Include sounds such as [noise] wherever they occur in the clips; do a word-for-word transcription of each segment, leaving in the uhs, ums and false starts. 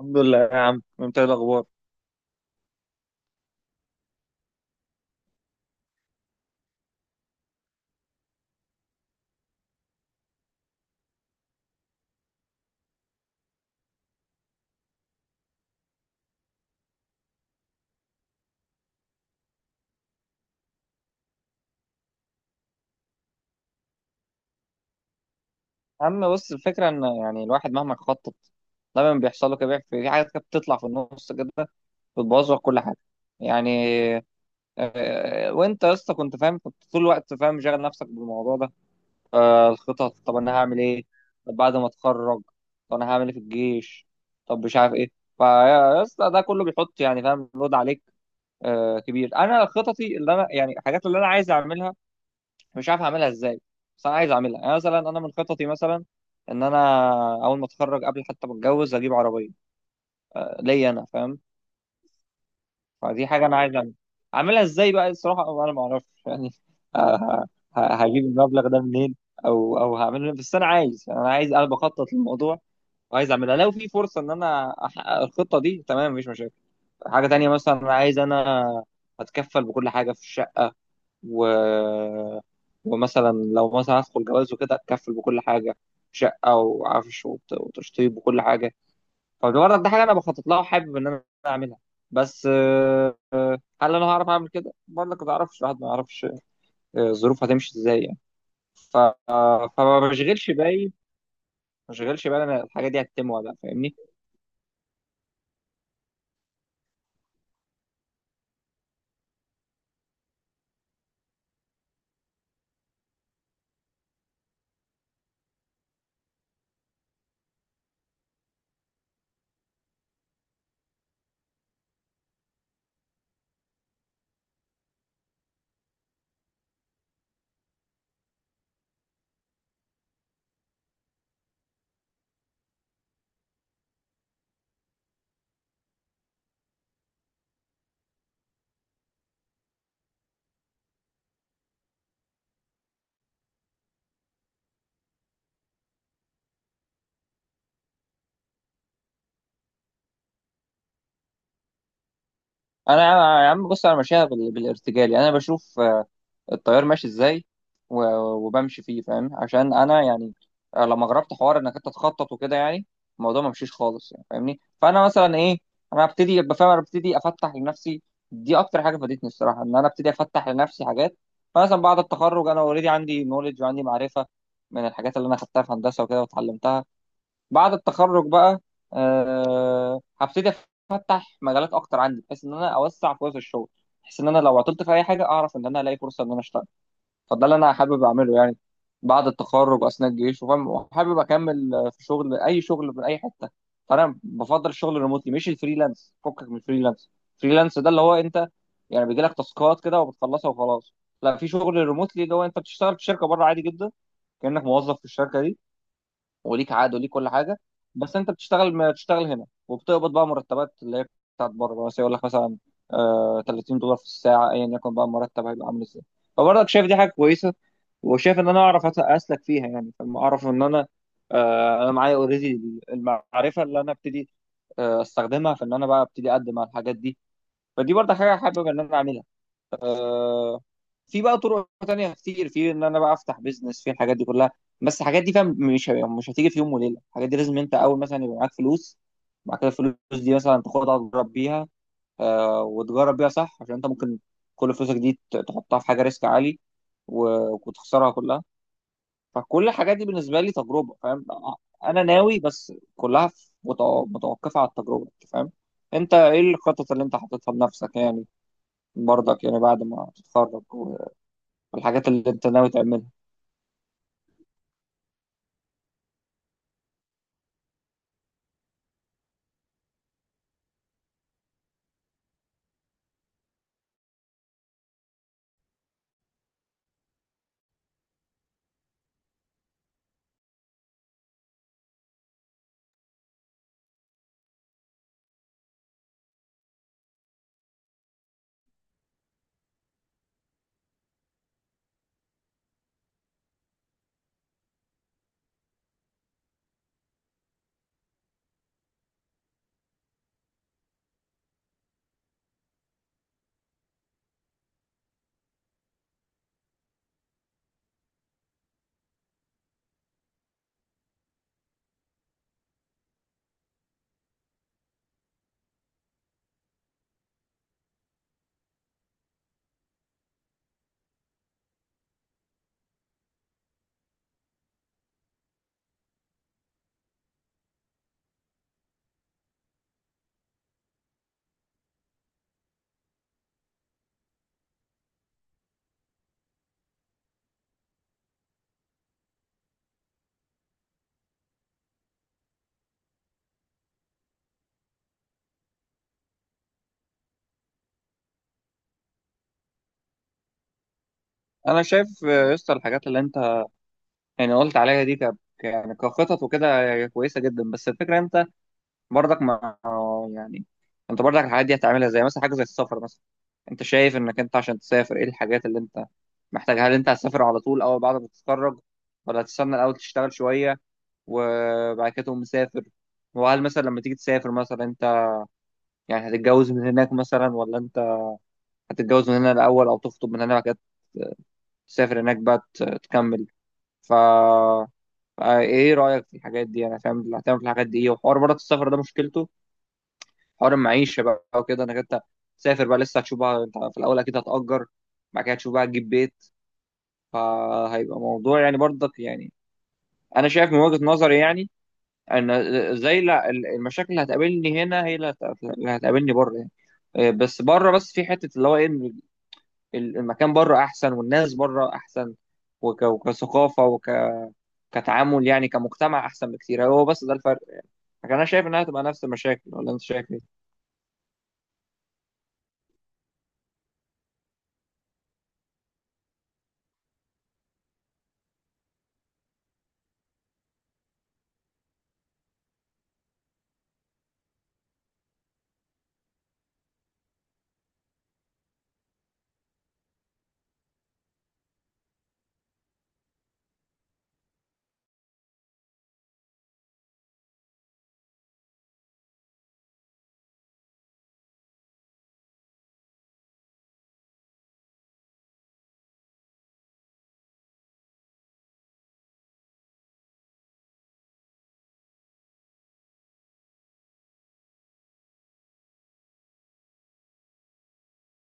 الحمد لله يا عم، انت ايه الاخبار؟ يا عم بص، الفكره ان يعني الواحد مهما خطط دايما بيحصل له كده، في في حاجات كده بتطلع في النص كده، بتبوظ لك كل حاجه يعني. آه، آه، وانت يا اسطى كنت فاهم؟ كنت طول الوقت فاهم شاغل نفسك بالموضوع ده؟ آه، الخطط، طب انا هعمل ايه؟ طب بعد ما اتخرج، طب انا هعمل ايه في الجيش؟ طب مش عارف ايه. فيا يا اسطى ده كله بيحط يعني فاهم لود عليك آه، كبير. انا خططي اللي انا يعني الحاجات اللي انا عايز اعملها، مش عارف اعملها ازاي، بس انا عايز اعملها. يعني مثلا انا من خططي مثلا ان انا اول ما اتخرج قبل حتى ما اتجوز اجيب عربيه آه، ليا انا فاهم. فدي حاجه انا عايز اعملها. اعملها ازاي بقى الصراحه انا ما اعرفش يعني [laughs] آه، ه- ه- هجيب المبلغ ده منين او او هعمله. بس انا عايز يعني انا عايز انا بخطط للموضوع، وعايز اعملها لو في فرصه ان انا احقق الخطه دي، تمام مفيش مشاكل. حاجه تانية مثلا انا عايز انا اتكفل بكل حاجه في الشقه و... ومثلا لو مثلا هدخل جواز وكده اتكفل بكل حاجه، شقه وعفش وت- وتشطيب وكل حاجه. فبرضك ده حاجه انا بخطط لها وحابب ان انا اعملها، بس آه، هل انا هعرف اعمل كده؟ برضك ما اعرفش، الواحد ما يعرفش آه، الظروف هتمشي ازاي يعني. ف... آه، فما بشغلش بالي، ما بشغلش بالي انا الحاجه دي هتتم ولا لا، فاهمني؟ انا يا عم بص، انا ماشيها بال... بالارتجال يعني. انا بشوف آه، التيار ماشي ازاي و- وبمشي فيه فاهم، عشان انا يعني لما جربت حوار انك انت تخطط وكده، يعني الموضوع ما مشيش خالص يعني فاهمني. فانا مثلا ايه، انا ابتدي ابقى فاهم، انا ابتدي افتح لنفسي. دي اكتر حاجه فادتني الصراحه، ان انا ابتدي افتح لنفسي حاجات. فمثلا بعد التخرج انا اوريدي عندي نولج وعندي معرفه من الحاجات اللي انا خدتها في هندسه وكده واتعلمتها. بعد التخرج بقى أه هبتدي افتح مجالات اكتر عندي، بحيث ان انا اوسع فرص الشغل، بحيث ان انا لو عطلت في اي حاجه اعرف ان انا الاقي فرصه ان انا اشتغل. فده اللي انا حابب اعمله يعني بعد التخرج واثناء الجيش، وفاهم وحابب اكمل آه، في شغل، اي شغل من اي حته. فانا بفضل الشغل الريموتلي مش الفريلانس، فكك من الفريلانس. الفريلانس ده اللي هو انت يعني بيجي لك تاسكات كده وبتخلصها وخلاص. لا، في شغل ريموتلي اللي هو انت بتشتغل في شركه بره عادي جدا، كانك موظف في الشركه دي، وليك عقد وليك كل حاجه. بس انت بتشتغل، ما بتشتغل هنا وبتقبض بقى مرتبات اللي هي بتاعت بره. بس يقول لك مثلا آه ثلاثين دولار في الساعه، ايا يكن بقى المرتب هيبقى عامل ازاي. فبرضك شايف دي حاجه كويسه، وشايف ان انا اعرف أت- اسلك فيها يعني. فما اعرف ان انا آه انا معايا اوريدي المعرفه اللي انا ابتدي آه استخدمها في ان انا بقى ابتدي اقدم على الحاجات دي. فدي برضه حاجه حابب ان انا اعملها. آه في بقى طرق تانية كتير في ان انا بقى افتح بيزنس في الحاجات دي كلها. بس الحاجات دي فاهم مش مش هتيجي في يوم وليله، الحاجات دي لازم انت اول مثلا يبقى معاك فلوس، بعد كده الفلوس دي مثلا تاخدها تجرب بيها آه وتجرب بيها صح، عشان انت ممكن كل فلوسك دي ت- تحطها في حاجه ريسك عالي و- وتخسرها كلها. فكل الحاجات دي بالنسبه لي تجربه فاهم. انا ناوي، بس كلها في- متو- متوقفه على التجربه أنت فاهم. انت ايه الخطط اللي انت حاططها لنفسك يعني؟ برضك يعني بعد ما تتخرج، الحاجات اللي انت ناوي تعملها؟ انا شايف آه، يا اسطى الحاجات اللي انت يعني قلت عليها دي ك يعني كخطط وكده، هي كويسه جدا. بس الفكره انت برضك ما يعني، انت برضك الحاجات دي هتعملها زي مثلا حاجه زي السفر مثلا. انت شايف انك انت عشان تسافر ايه الحاجات اللي انت محتاجها؟ هل انت هتسافر على طول اول بعد ما تتخرج، ولا هتستنى الاول تشتغل شويه وبعد كده تقوم مسافر؟ وهل مثلا لما تيجي تسافر مثلا انت يعني هتتجوز من هناك مثلا، ولا انت هتتجوز من هنا الاول، او تخطب من هنا بعد كده تسافر هناك بقى ت- تكمل؟ ف آه، ايه رأيك في الحاجات دي؟ انا فاهم اللي هتعمل في الحاجات دي ايه. وحوار برضه السفر ده مشكلته حوار المعيشة بقى وكده، انك انت تسافر بقى لسه هتشوف بقى، انت في الاول اكيد هتأجر، بعد كده هتشوف بقى تجيب بيت. فهيبقى موضوع يعني برضك يعني، انا شايف من وجهة نظري يعني ان زي لا المشاكل اللي هتقابلني هنا هي اللي هت- اللي هتقابلني بره يعني. آه، بس بره بس في حتة اللي هو ايه، إن ال- المكان بره احسن والناس بره احسن وك- وكثقافة وكتعامل يعني كمجتمع احسن بكتير، هو بس ده الفرق. لكن انا شايف انها تبقى نفس المشاكل، ولا انت شايف ايه؟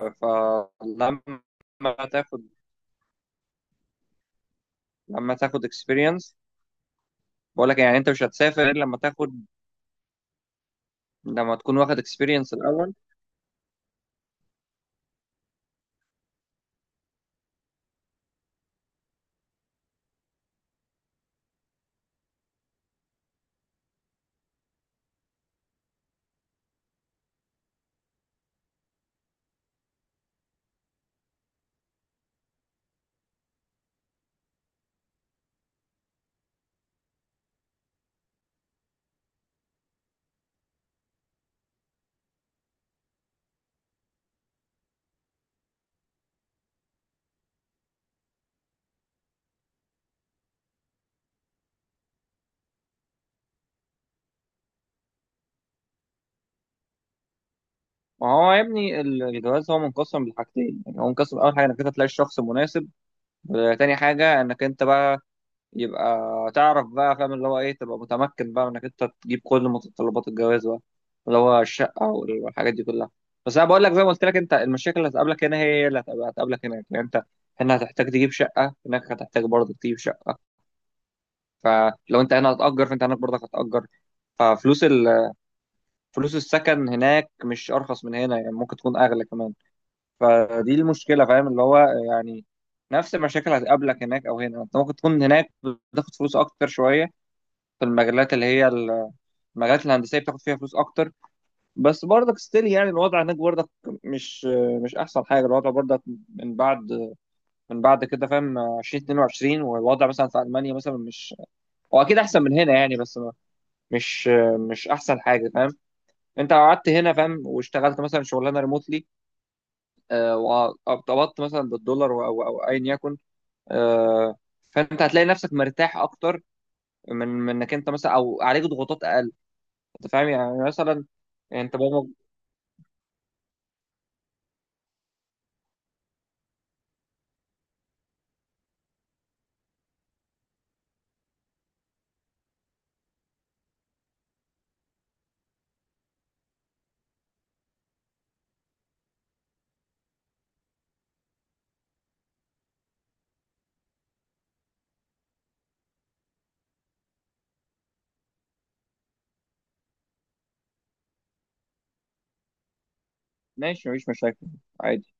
فلما تاخد، لما تاخد اكسبيرينس. بقول لك يعني انت مش هتسافر الا لما تاخد، لما تكون واخد اكسبيرينس الاول. ما هو يا ابني ال- الجواز هو منقسم لحاجتين يعني. هو منقسم، اول حاجه انك انت تلاقي الشخص المناسب، وتاني حاجه انك انت بقى يبقى تعرف بقى فاهم اللي هو ايه، تبقى متمكن بقى انك انت تجيب كل متطلبات الجواز بقى اللي هو الشقه والحاجات دي كلها. بس انا بقول لك زي ما قلت لك، انت المشاكل اللي هتقابلك هنا هي اللي هتبقى- هتقابلك هناك يعني. انت هنا هتحتاج تجيب شقه، هناك هتحتاج برضه تجيب شقه، فلو انت هنا هتأجر فانت هناك برضه هتأجر. ففلوس ال... فلوس السكن هناك مش ارخص من هنا يعني، ممكن تكون اغلى كمان. فدي المشكله فاهم اللي هو يعني نفس المشاكل هتقابلك هناك او هنا. انت ممكن تكون هناك بتاخد فلوس اكتر شويه في المجالات اللي هي ال- المجالات الهندسيه بتاخد فيها فلوس اكتر. بس برضك ستيل يعني الوضع هناك برضك مش مش احسن حاجه. الوضع برضك من بعد من بعد كده فاهم ألفين واتنين وعشرين والوضع مثلا في المانيا مثلا مش هو اكيد احسن من هنا يعني، بس ما- مش مش احسن حاجه فاهم. انت لو قعدت هنا فاهم واشتغلت مثلا شغلانه ريموتلي وارتبطت مثلا بالدولار او او أو ايا يكن آه، فانت هتلاقي نفسك مرتاح اكتر من من انك انت مثلا، او عليك ضغوطات اقل انت فاهم يعني مثلا. انت بابا، ماشي مفيش مشاكل عادي.